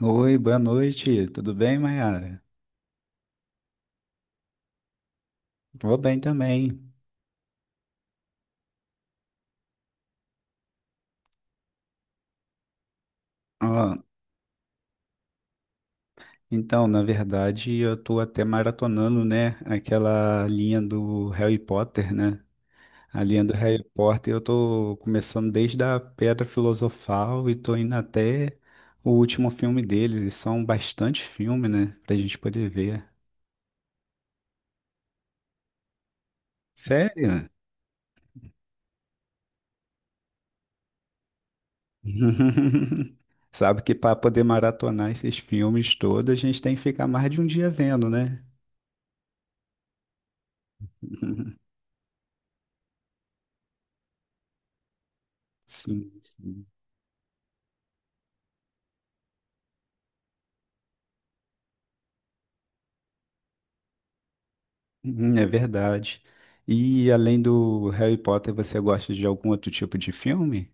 Oi, boa noite. Tudo bem, Mayara? Tô bem também. Ó, então, na verdade, eu tô até maratonando, né, aquela linha do Harry Potter, né? A linha do Harry Potter eu tô começando desde a Pedra Filosofal e tô indo até o último filme deles, e são bastante filmes, né, pra gente poder ver. Sério? Sabe que para poder maratonar esses filmes todos, a gente tem que ficar mais de um dia vendo, né? Sim, sim. É verdade. E além do Harry Potter, você gosta de algum outro tipo de filme?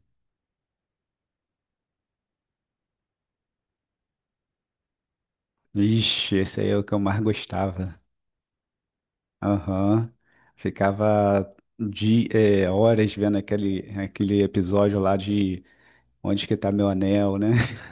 Ixi, esse aí é o que eu mais gostava. Aham. Ficava de horas vendo aquele episódio lá de onde que tá meu anel, né?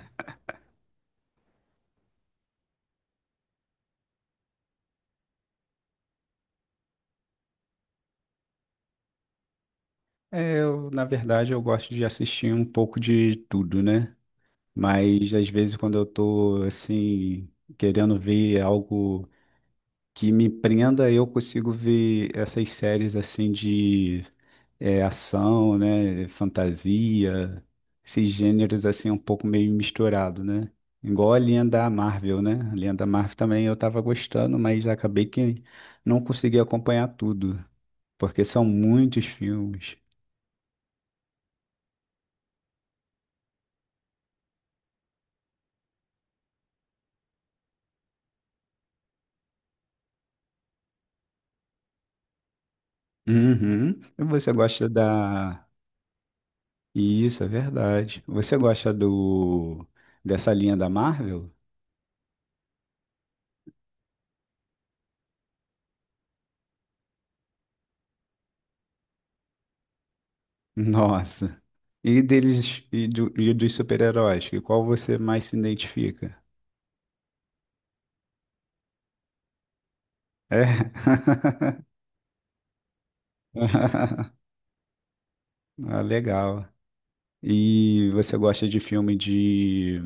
É, na verdade, eu gosto de assistir um pouco de tudo, né? Mas às vezes quando eu tô assim, querendo ver algo que me prenda, eu consigo ver essas séries assim de ação, né, fantasia, esses gêneros assim um pouco meio misturado, né? Igual a linha da Marvel, né? A linha da Marvel também eu tava gostando, mas acabei que não consegui acompanhar tudo, porque são muitos filmes. Uhum. E você gosta da... Isso, é verdade. Você gosta do... dessa linha da Marvel? Nossa. E deles e, e dos super-heróis, que qual você mais se identifica? É. Ah, legal. E você gosta de filme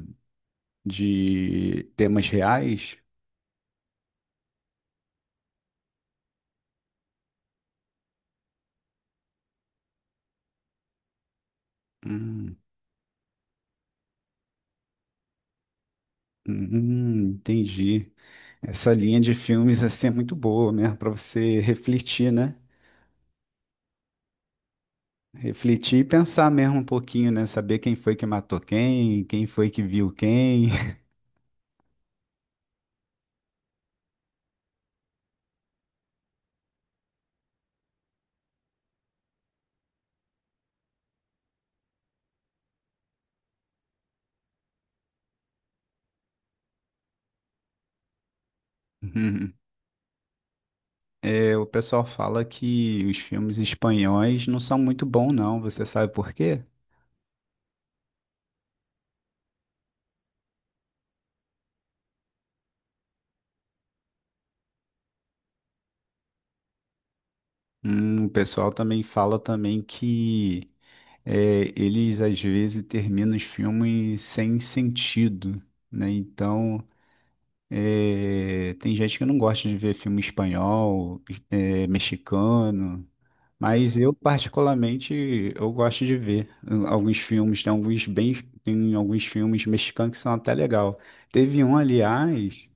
de temas reais? Hum, entendi. Essa linha de filmes assim é muito boa mesmo para você refletir, né? Refletir e pensar mesmo um pouquinho, né? Saber quem foi que matou quem, quem foi que viu quem. É, o pessoal fala que os filmes espanhóis não são muito bons, não. Você sabe por quê? O pessoal também fala também que eles às vezes terminam os filmes sem sentido, né? Então, é, tem gente que não gosta de ver filme espanhol, é, mexicano, mas eu particularmente eu gosto de ver alguns filmes, tem alguns bem, tem alguns filmes mexicanos que são até legal. Teve um, aliás.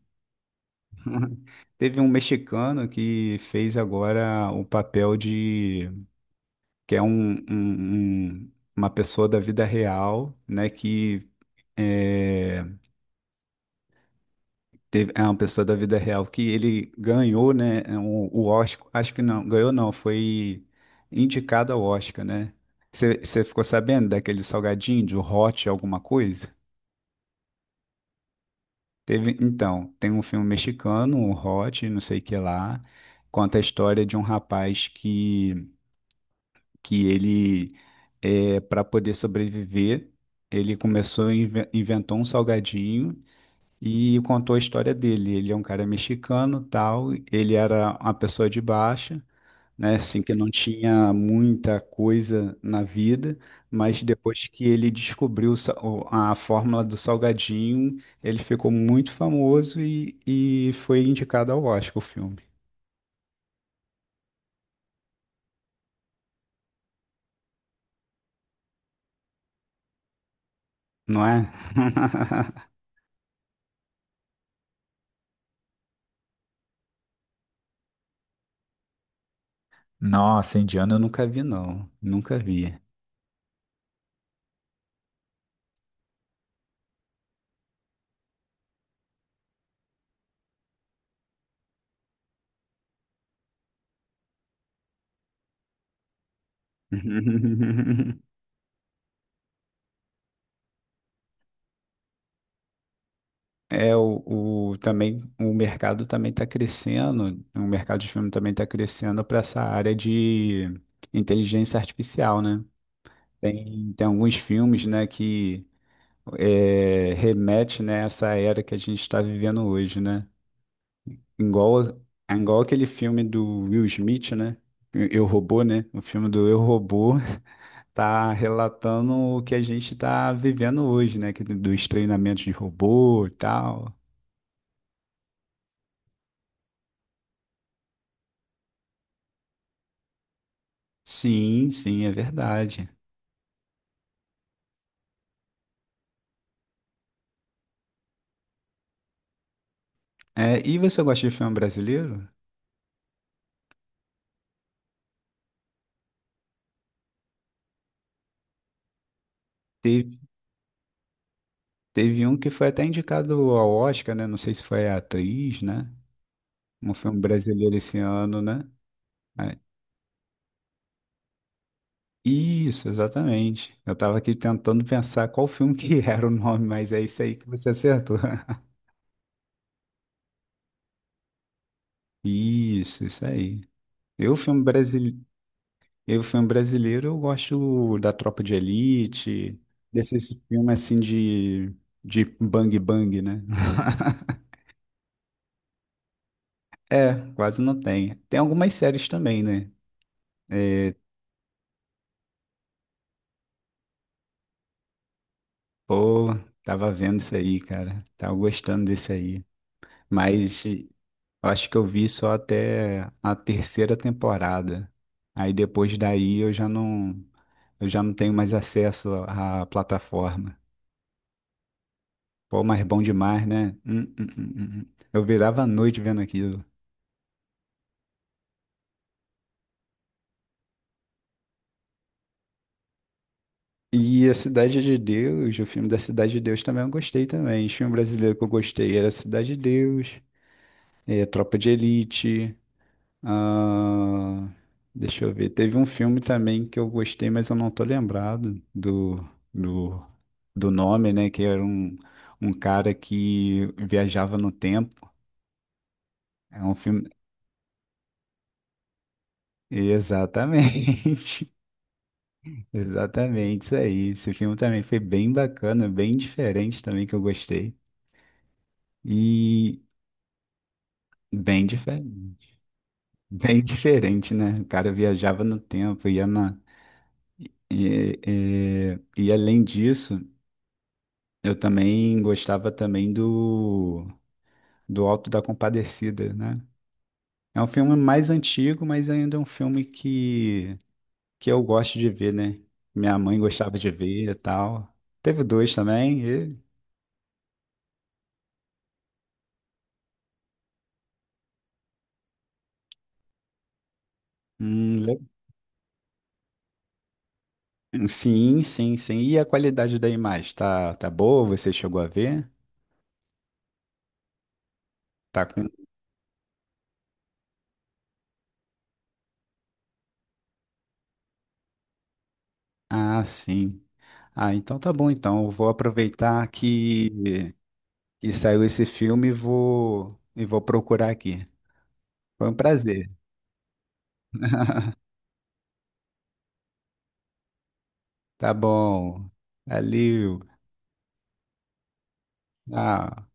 Teve um mexicano que fez agora o papel de que é um, uma pessoa da vida real, né? Que é, teve, é uma pessoa da vida real que ele ganhou, né? O Oscar, acho que não, ganhou não, foi indicado ao Oscar, né? Você ficou sabendo daquele salgadinho de Hot alguma coisa? Teve, então, tem um filme mexicano, o Hot, não sei o que lá, conta a história de um rapaz que ele, é, para poder sobreviver, ele começou, a inventou um salgadinho e contou a história dele. Ele é um cara mexicano, tal, ele era uma pessoa de baixa, né, assim, que não tinha muita coisa na vida, mas depois que ele descobriu a fórmula do salgadinho, ele ficou muito famoso e foi indicado ao Oscar o filme, não é? Nossa, indiano eu nunca vi, não. Nunca vi. É, também o mercado também está crescendo, o mercado de filme também está crescendo para essa área de inteligência artificial, né? Tem, tem alguns filmes, né, que é, remete, né, a essa era que a gente está vivendo hoje, né? Igual, igual aquele filme do Will Smith, né? Eu, Robô, né? O filme do Eu, Robô tá relatando o que a gente está vivendo hoje, né? Que- dos treinamentos de robô e tal. Sim, sim, é verdade. É, e você gosta de filme brasileiro? Teve, teve um que foi até indicado ao Oscar, né? Não sei se foi a atriz, né? Um filme brasileiro esse ano, né? É, isso, exatamente. Eu tava aqui tentando pensar qual filme que era o nome, mas é isso aí que você acertou. Isso aí. Eu, filme brasile... filme brasileiro, eu gosto da Tropa de Elite, desses filmes assim de bang bang, né? É, quase não tem. Tem algumas séries também, né? Pô, tava vendo isso aí, cara. Tava gostando desse aí. Mas eu acho que eu vi só até a terceira temporada. Aí depois daí eu já não tenho mais acesso à plataforma. Pô, mas bom demais, né? Eu virava a noite vendo aquilo. E a Cidade de Deus, o filme da Cidade de Deus também eu gostei também. O filme brasileiro que eu gostei era Cidade de Deus, eh, Tropa de Elite. Ah, deixa eu ver. Teve um filme também que eu gostei, mas eu não tô lembrado do, do nome, né? Que era um, um cara que viajava no tempo. É um filme. Exatamente. Exatamente, isso aí. Esse filme também foi bem bacana, bem diferente também que eu gostei. E bem diferente. Bem diferente, né? O cara viajava no tempo, ia na. E, e, e além disso. Eu também gostava também do Alto da Compadecida, né? É um filme mais antigo, mas ainda é um filme que eu gosto de ver, né? Minha mãe gostava de ver e tal. Teve dois também. E- le- sim, sim, sim. E a qualidade da imagem? Tá, tá boa? Você chegou a ver? Tá com... Ah, sim. Ah, então tá bom, então. Eu vou aproveitar que saiu esse filme e vou procurar aqui. Foi um prazer. Tá bom. Valeu. Tchau.